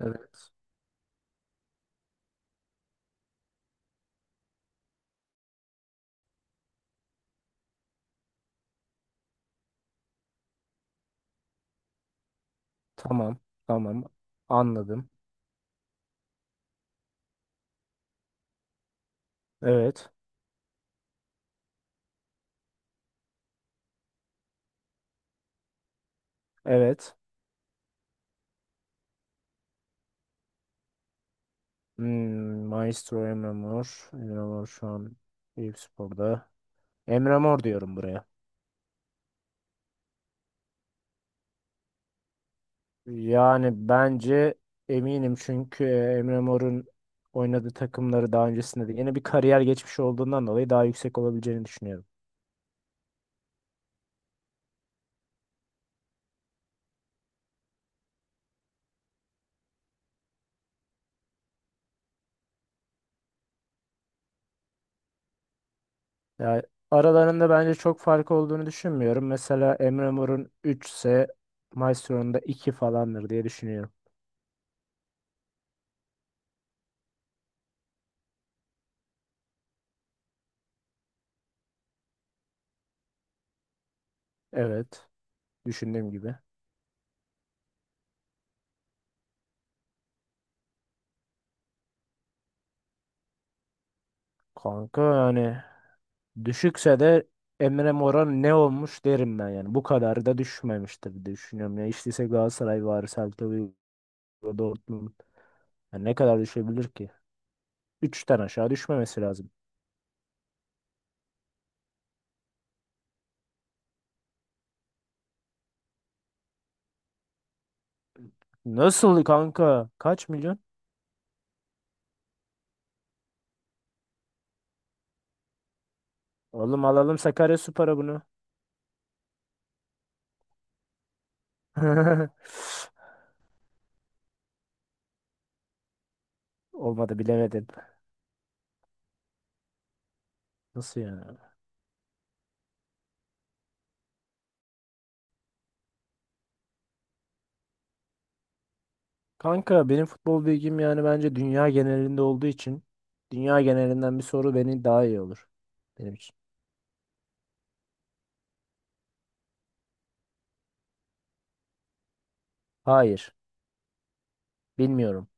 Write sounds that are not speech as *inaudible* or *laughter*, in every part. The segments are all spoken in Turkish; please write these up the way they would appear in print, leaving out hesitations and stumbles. Evet. Tamam. Tamam. Anladım. Evet. Evet. Hmm, Maestro Emre Mor. Emre Mor şu an Eyüp Spor'da. Emre Mor diyorum buraya. Yani bence eminim çünkü Emre Mor'un oynadığı takımları daha öncesinde de yine bir kariyer geçmiş olduğundan dolayı daha yüksek olabileceğini düşünüyorum. Yani aralarında bence çok fark olduğunu düşünmüyorum. Mesela Emre Mor'un 3 ise Maestro'nun da 2 falandır diye düşünüyorum. Evet. Düşündüğüm gibi. Kanka yani düşükse de Emre Mora ne olmuş derim ben yani. Bu kadar da düşmemiştir diye düşünüyorum. Ya işteyse Galatasaray var, Celta Vigo, Dortmund. Yani ne kadar düşebilir ki? Üçten aşağı düşmemesi lazım. Nasıl kanka? Kaç milyon? Oğlum alalım Sakaryaspor'a bunu. *laughs* Olmadı bilemedim. Nasıl yani? Kanka benim futbol bilgim yani bence dünya genelinde olduğu için dünya genelinden bir soru beni daha iyi olur benim için. Hayır, bilmiyorum.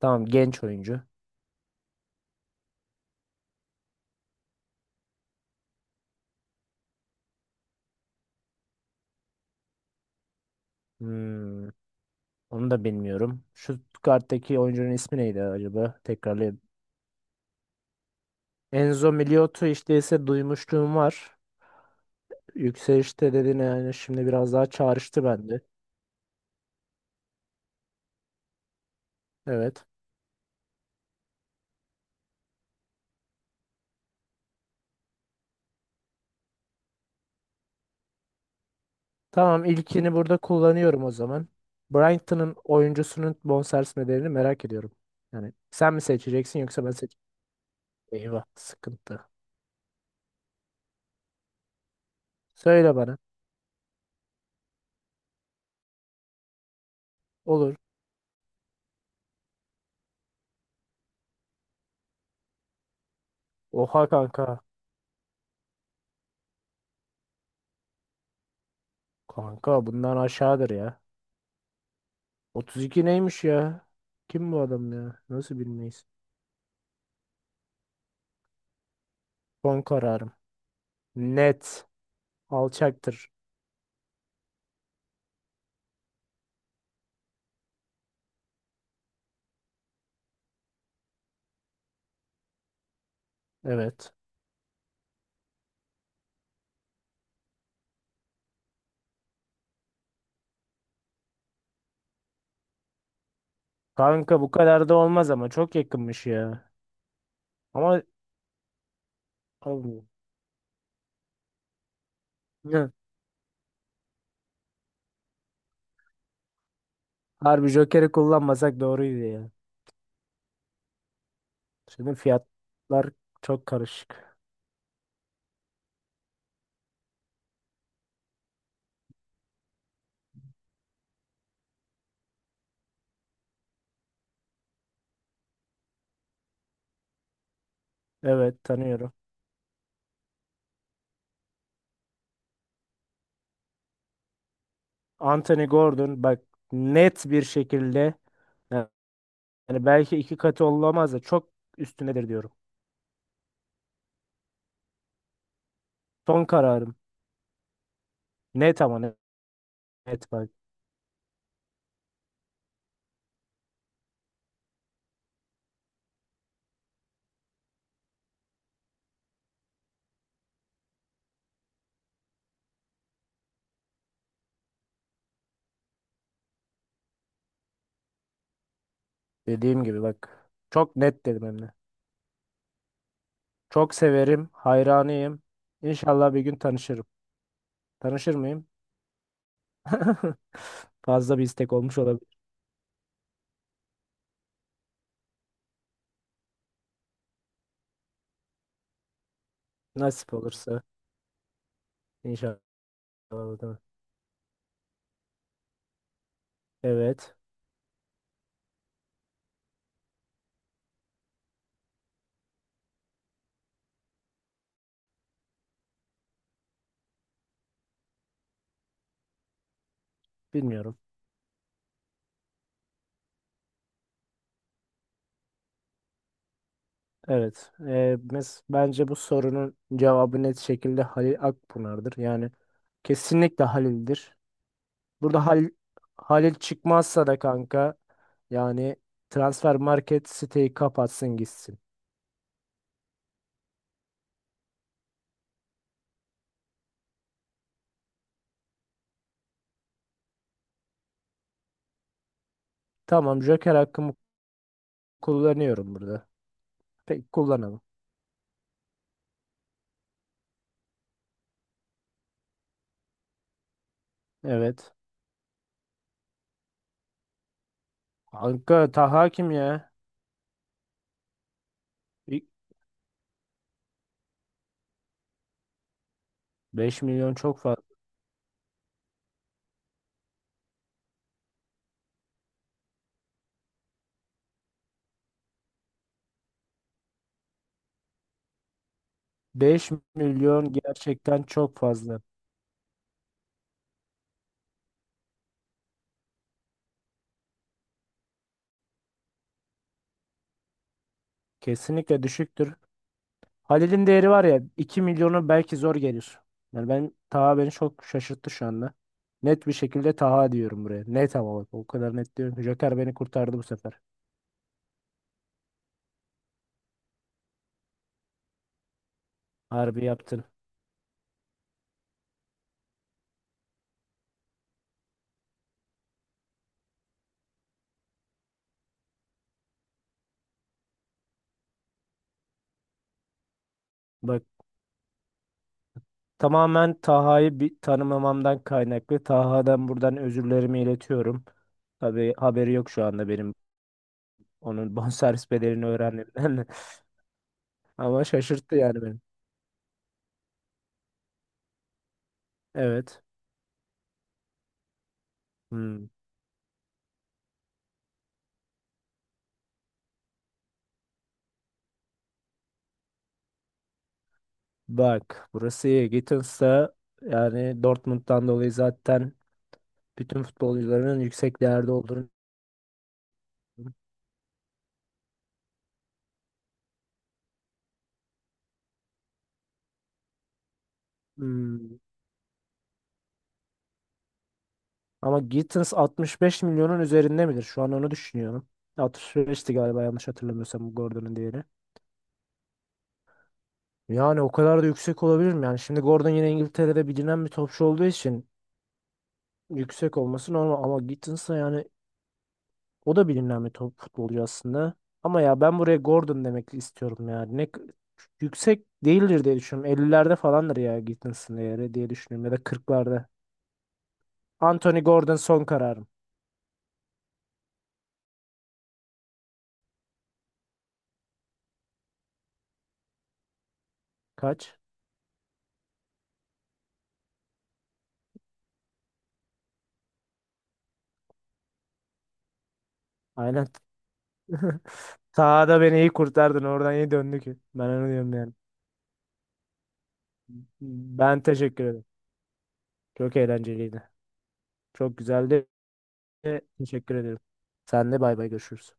Tamam genç oyuncu. Hmm, onu da bilmiyorum. Şu karttaki oyuncunun ismi neydi acaba? Tekrarlayayım. Enzo Miliotto işte ise duymuşluğum var. Yükselişte dediğine yani şimdi biraz daha çağrıştı bende. Evet. Tamam, ilkini burada kullanıyorum o zaman. Brighton'ın oyuncusunun bonservis bedelini merak ediyorum. Yani sen mi seçeceksin yoksa ben seçeceğim. Eyvah sıkıntı. Söyle bana. Olur. Oha kanka. Kanka bundan aşağıdır ya. 32 neymiş ya? Kim bu adam ya? Nasıl bilmeyiz? Son kararım. Net. Alçaktır. Evet. Kanka bu kadar da olmaz ama çok yakınmış ya. Ama abi, ne? *laughs* Harbi Joker'i kullanmasak doğruydu ya. Şimdi fiyatlar çok karışık. Evet, tanıyorum. Anthony Gordon bak, net bir şekilde, yani belki iki katı olamaz da çok üstündedir diyorum. Son kararım. Net ama net, net bak. Dediğim gibi bak. Çok net dedim hem de. Çok severim, hayranıyım. İnşallah bir gün tanışırım. Tanışır mıyım? *laughs* Fazla bir istek olmuş olabilir. Nasip olursa inşallah. Olur. Evet, bilmiyorum. Evet, mes bence bu sorunun cevabı net şekilde Halil Akpınar'dır. Yani kesinlikle Halil'dir. Burada Halil, Halil çıkmazsa da kanka yani transfer market siteyi kapatsın gitsin. Tamam, Joker hakkımı kullanıyorum burada. Peki kullanalım. Evet. Kanka Taha kim ya? 5 milyon çok fazla. 5 milyon gerçekten çok fazla. Kesinlikle düşüktür. Halil'in değeri var ya 2 milyonu belki zor gelir. Yani ben Taha beni çok şaşırttı şu anda. Net bir şekilde Taha diyorum buraya. Net ama bak, o kadar net diyorum ki Joker beni kurtardı bu sefer. Harbi yaptın. Bak, tamamen Taha'yı bir tanımamamdan kaynaklı. Taha'dan buradan özürlerimi iletiyorum. Tabii haberi yok şu anda benim onun *laughs* bonservis bedelini öğrenmemden. *laughs* Ama şaşırttı yani beni. Evet. Hmm. Bak burası iyi. Gittens'a yani Dortmund'dan dolayı zaten bütün futbolcuların yüksek değerde olduğunu. Hmm. Ama Gittins 65 milyonun üzerinde midir? Şu an onu düşünüyorum. 65'ti galiba yanlış hatırlamıyorsam Gordon'un değeri. Yani o kadar da yüksek olabilir mi? Yani şimdi Gordon yine İngiltere'de bilinen bir topçu olduğu için yüksek olması normal ama Gittins'a yani o da bilinen bir top futbolcu aslında. Ama ya ben buraya Gordon demek istiyorum ya. Yüksek değildir diye düşünüyorum. 50'lerde falandır ya Gittins'in değeri diye düşünüyorum ya da kırklarda. Anthony Gordon son kararım. Kaç? Aynen. *laughs* Sahada beni iyi kurtardın. Oradan iyi döndü ki. Ben onu diyorum yani. Ben teşekkür ederim. Çok eğlenceliydi. Çok güzeldi. Teşekkür ederim. Sen de bay bay, görüşürüz.